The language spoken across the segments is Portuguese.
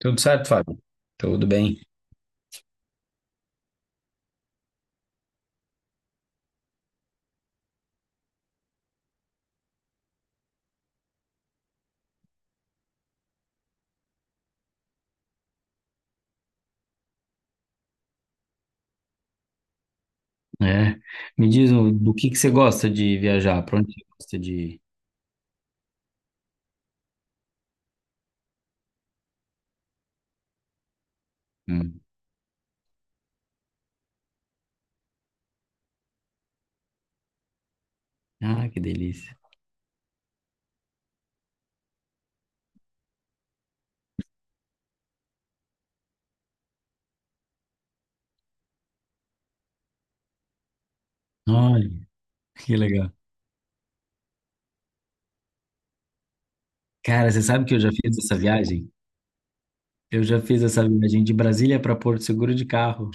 Tudo certo, Fábio? Tudo bem. É. Me diz do que você gosta de viajar? Pra onde você gosta de ir? Hum. Ah, que delícia. Olha, que legal. Cara, você sabe que eu já fiz essa viagem? Eu já fiz essa viagem de Brasília para Porto Seguro de carro.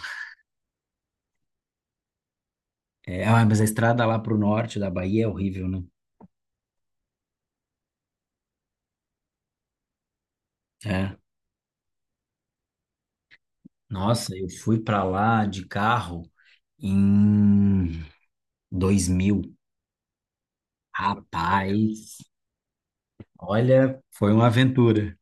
É, ah, mas a estrada lá para o norte da Bahia é horrível, né? É. Nossa, eu fui para lá de carro em 2000. Rapaz, olha, foi uma aventura.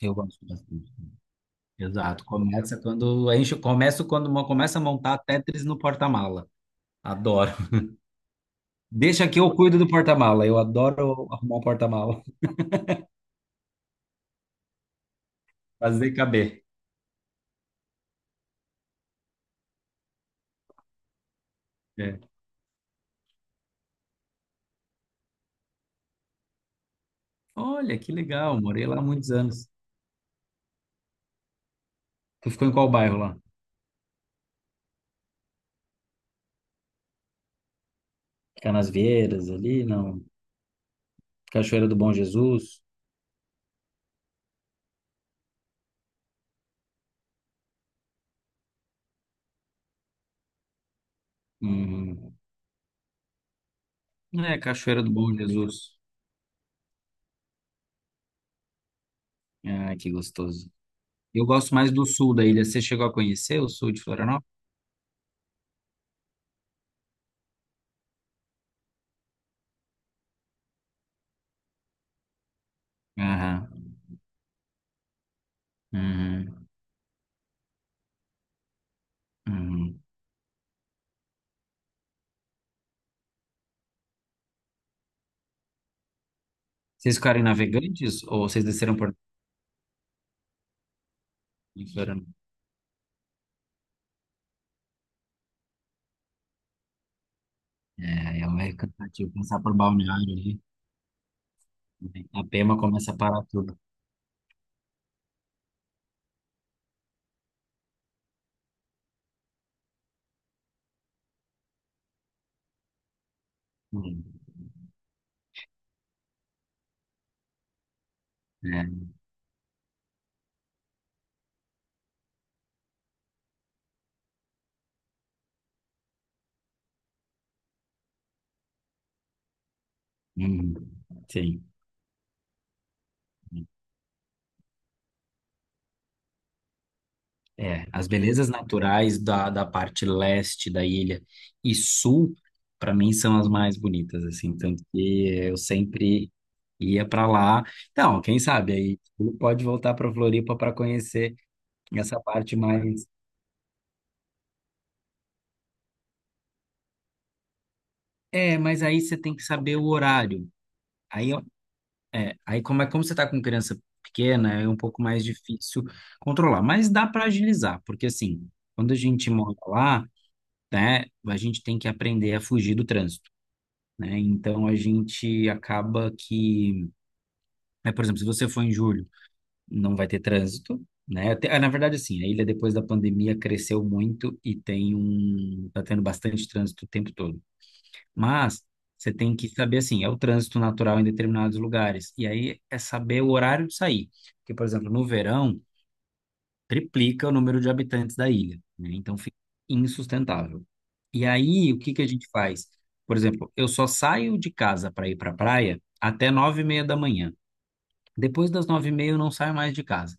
Eu gosto bastante. Exato. Começa quando enche, começa a montar Tetris no porta-mala. Adoro. Deixa que eu cuido do porta-mala. Eu adoro arrumar um porta-mala, fazer caber. É. Olha, que legal. Morei lá há muitos anos. Tu ficou em qual bairro lá? Canasvieiras ali, não. Cachoeira do Bom Jesus. Uhum. É, Cachoeira do Bom Jesus. Ah, que gostoso. Eu gosto mais do sul da ilha. Você chegou a conhecer o sul de Florianópolis? Aham. Uhum. Uhum. Vocês ficaram em Navegantes ou vocês desceram por em é. É, é mais cansativo passar por Balneário ali. A Pema começa a parar tudo. Hum, é, hum, sim. É, as belezas naturais da, da parte leste da ilha e sul, para mim, são as mais bonitas, assim. Tanto que eu sempre ia para lá. Então, quem sabe aí tu pode voltar para Floripa para conhecer essa parte mais. É, mas aí você tem que saber o horário. Aí É, aí como é como você está com criança pequena, é um pouco mais difícil controlar, mas dá para agilizar, porque assim, quando a gente mora lá, né, a gente tem que aprender a fugir do trânsito, né? Então a gente acaba que, né, por exemplo, se você for em julho, não vai ter trânsito, né? Na verdade, assim, a ilha depois da pandemia cresceu muito e tem um, tá tendo bastante trânsito o tempo todo. Mas você tem que saber assim, é o trânsito natural em determinados lugares. E aí é saber o horário de sair. Porque, por exemplo, no verão, triplica o número de habitantes da ilha, né? Então fica insustentável. E aí, o que que a gente faz? Por exemplo, eu só saio de casa para ir para a praia até 9:30 da manhã. Depois das 9:30 eu não saio mais de casa.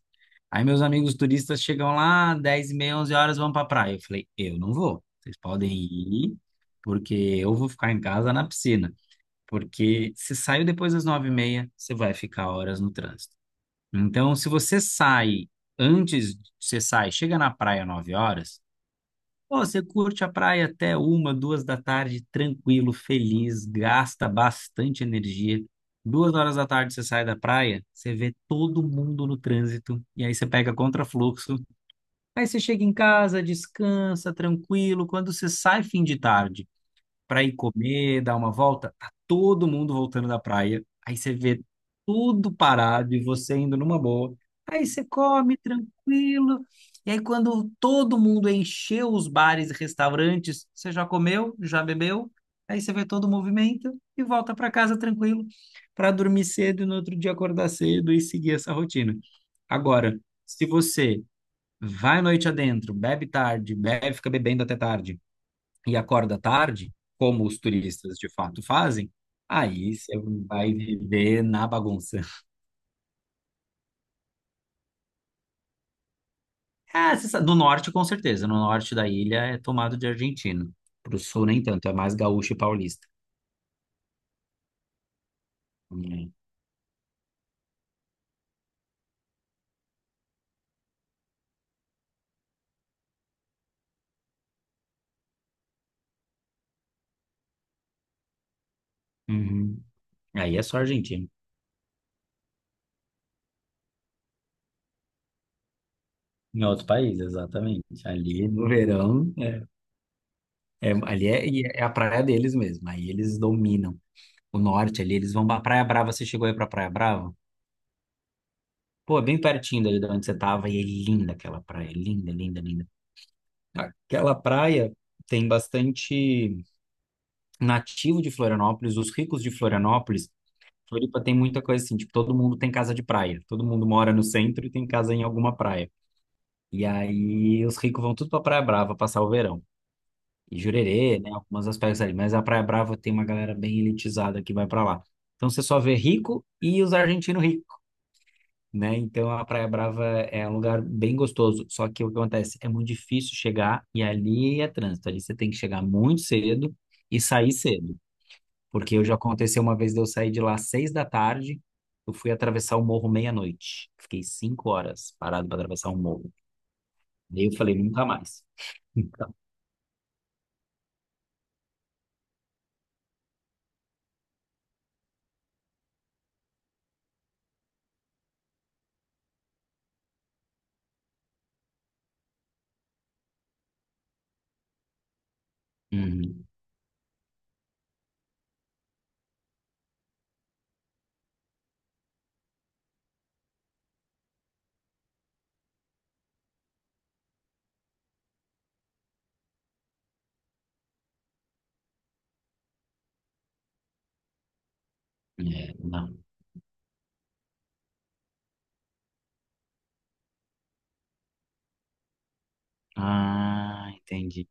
Aí meus amigos turistas chegam lá, 10:30, 11 horas, vão para a praia. Eu falei, eu não vou. Vocês podem ir, porque eu vou ficar em casa na piscina. Porque se saiu depois das 9:30, você vai ficar horas no trânsito. Então, se você sai antes, você sai, chega na praia 9 horas, pô, você curte a praia até 1, 2 da tarde, tranquilo, feliz, gasta bastante energia. 2 horas da tarde você sai da praia, você vê todo mundo no trânsito, e aí você pega contrafluxo. Aí você chega em casa, descansa, tranquilo. Quando você sai fim de tarde, para ir comer, dar uma volta, tá todo mundo voltando da praia. Aí você vê tudo parado e você indo numa boa. Aí você come tranquilo. E aí quando todo mundo encheu os bares e restaurantes, você já comeu, já bebeu. Aí você vê todo o movimento e volta para casa tranquilo, para dormir cedo e no outro dia acordar cedo e seguir essa rotina. Agora, se você vai noite adentro, bebe tarde, bebe, fica bebendo até tarde, e acorda tarde, como os turistas de fato fazem, aí você vai viver na bagunça. É, você sabe, no norte, com certeza. No norte da ilha é tomado de argentino. Pro sul, nem tanto. É mais gaúcho e paulista. Hum. Uhum. Aí é só argentino. Em outro país, exatamente. Ali no verão, é, é- ali é, e é a praia deles mesmo. Aí eles dominam. O norte ali, eles vão pra Praia Brava. Você chegou aí pra Praia Brava? Pô, é bem pertinho dali de onde você tava. E é linda aquela praia. É linda, linda, linda. Aquela praia tem bastante nativo de Florianópolis, os ricos de Florianópolis. Floripa tem muita coisa assim, tipo, todo mundo tem casa de praia, todo mundo mora no centro e tem casa em alguma praia. E aí os ricos vão tudo pra Praia Brava passar o verão. E Jurerê, né, algumas aspectos ali, mas a Praia Brava tem uma galera bem elitizada que vai pra lá. Então você só vê rico e os argentinos ricos, né? Então a Praia Brava é um lugar bem gostoso, só que o que acontece? É muito difícil chegar e ali é trânsito, ali você tem que chegar muito cedo e sair cedo, porque eu já aconteceu uma vez de eu sair de lá às 6 da tarde, eu fui atravessar o morro meia-noite, fiquei 5 horas parado para atravessar o morro, daí eu falei nunca mais. Então, uhum, é, não. Ah, entendi.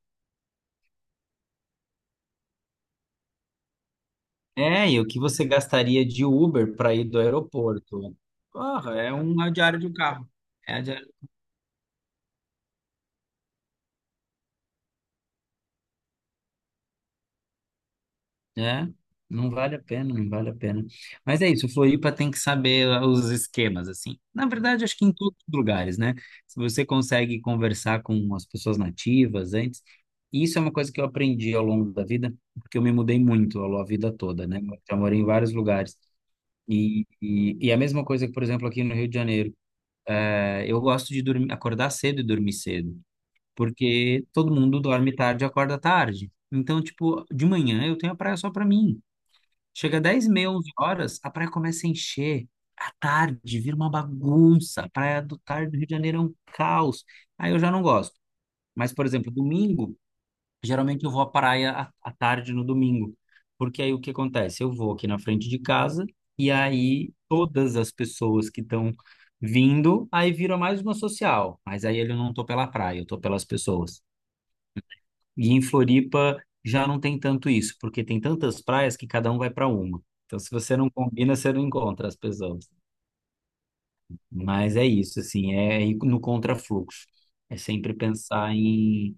É, e o que você gastaria de Uber para ir do aeroporto? Porra, é uma diária de um carro. É a. É, não vale a pena, não vale a pena. Mas é isso, Floripa tem que saber ah, os esquemas, assim. Na verdade, acho que em todos os lugares, né? Se você consegue conversar com as pessoas nativas antes, e isso é uma coisa que eu aprendi ao longo da vida, porque eu me mudei muito ao longo da vida toda, né? Eu já morei em vários lugares. E a mesma coisa que, por exemplo, aqui no Rio de Janeiro, é, eu gosto de dormir, acordar cedo e dormir cedo, porque todo mundo dorme tarde e acorda tarde. Então, tipo, de manhã eu tenho a praia só pra mim. Chega 10:30, 11 horas, a praia começa a encher. À tarde, vira uma bagunça. A praia do tarde do Rio de Janeiro é um caos. Aí eu já não gosto. Mas, por exemplo, domingo, geralmente eu vou à praia à, à tarde no domingo. Porque aí o que acontece? Eu vou aqui na frente de casa e aí todas as pessoas que estão vindo, aí vira mais uma social. Mas aí eu não tô pela praia, eu tô pelas pessoas. E em Floripa já não tem tanto isso, porque tem tantas praias que cada um vai para uma. Então, se você não combina, você não encontra as pessoas. Mas é isso, assim, é ir no contrafluxo. É sempre pensar em,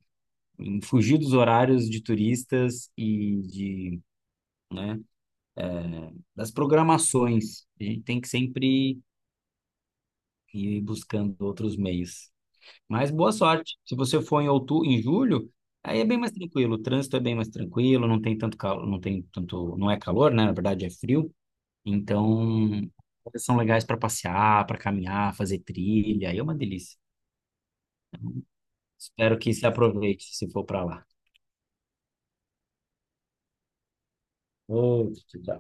em fugir dos horários de turistas e de, né, das programações. A gente tem que sempre ir buscando outros meios. Mas boa sorte. Se você for em outubro, em julho, aí é bem mais tranquilo. O trânsito é bem mais tranquilo, não tem tanto calor, não tem tanto, não é calor, né? Na verdade é frio. Então, são legais para passear, para caminhar, fazer trilha. Aí é uma delícia. Espero que se aproveite se for para lá. Outro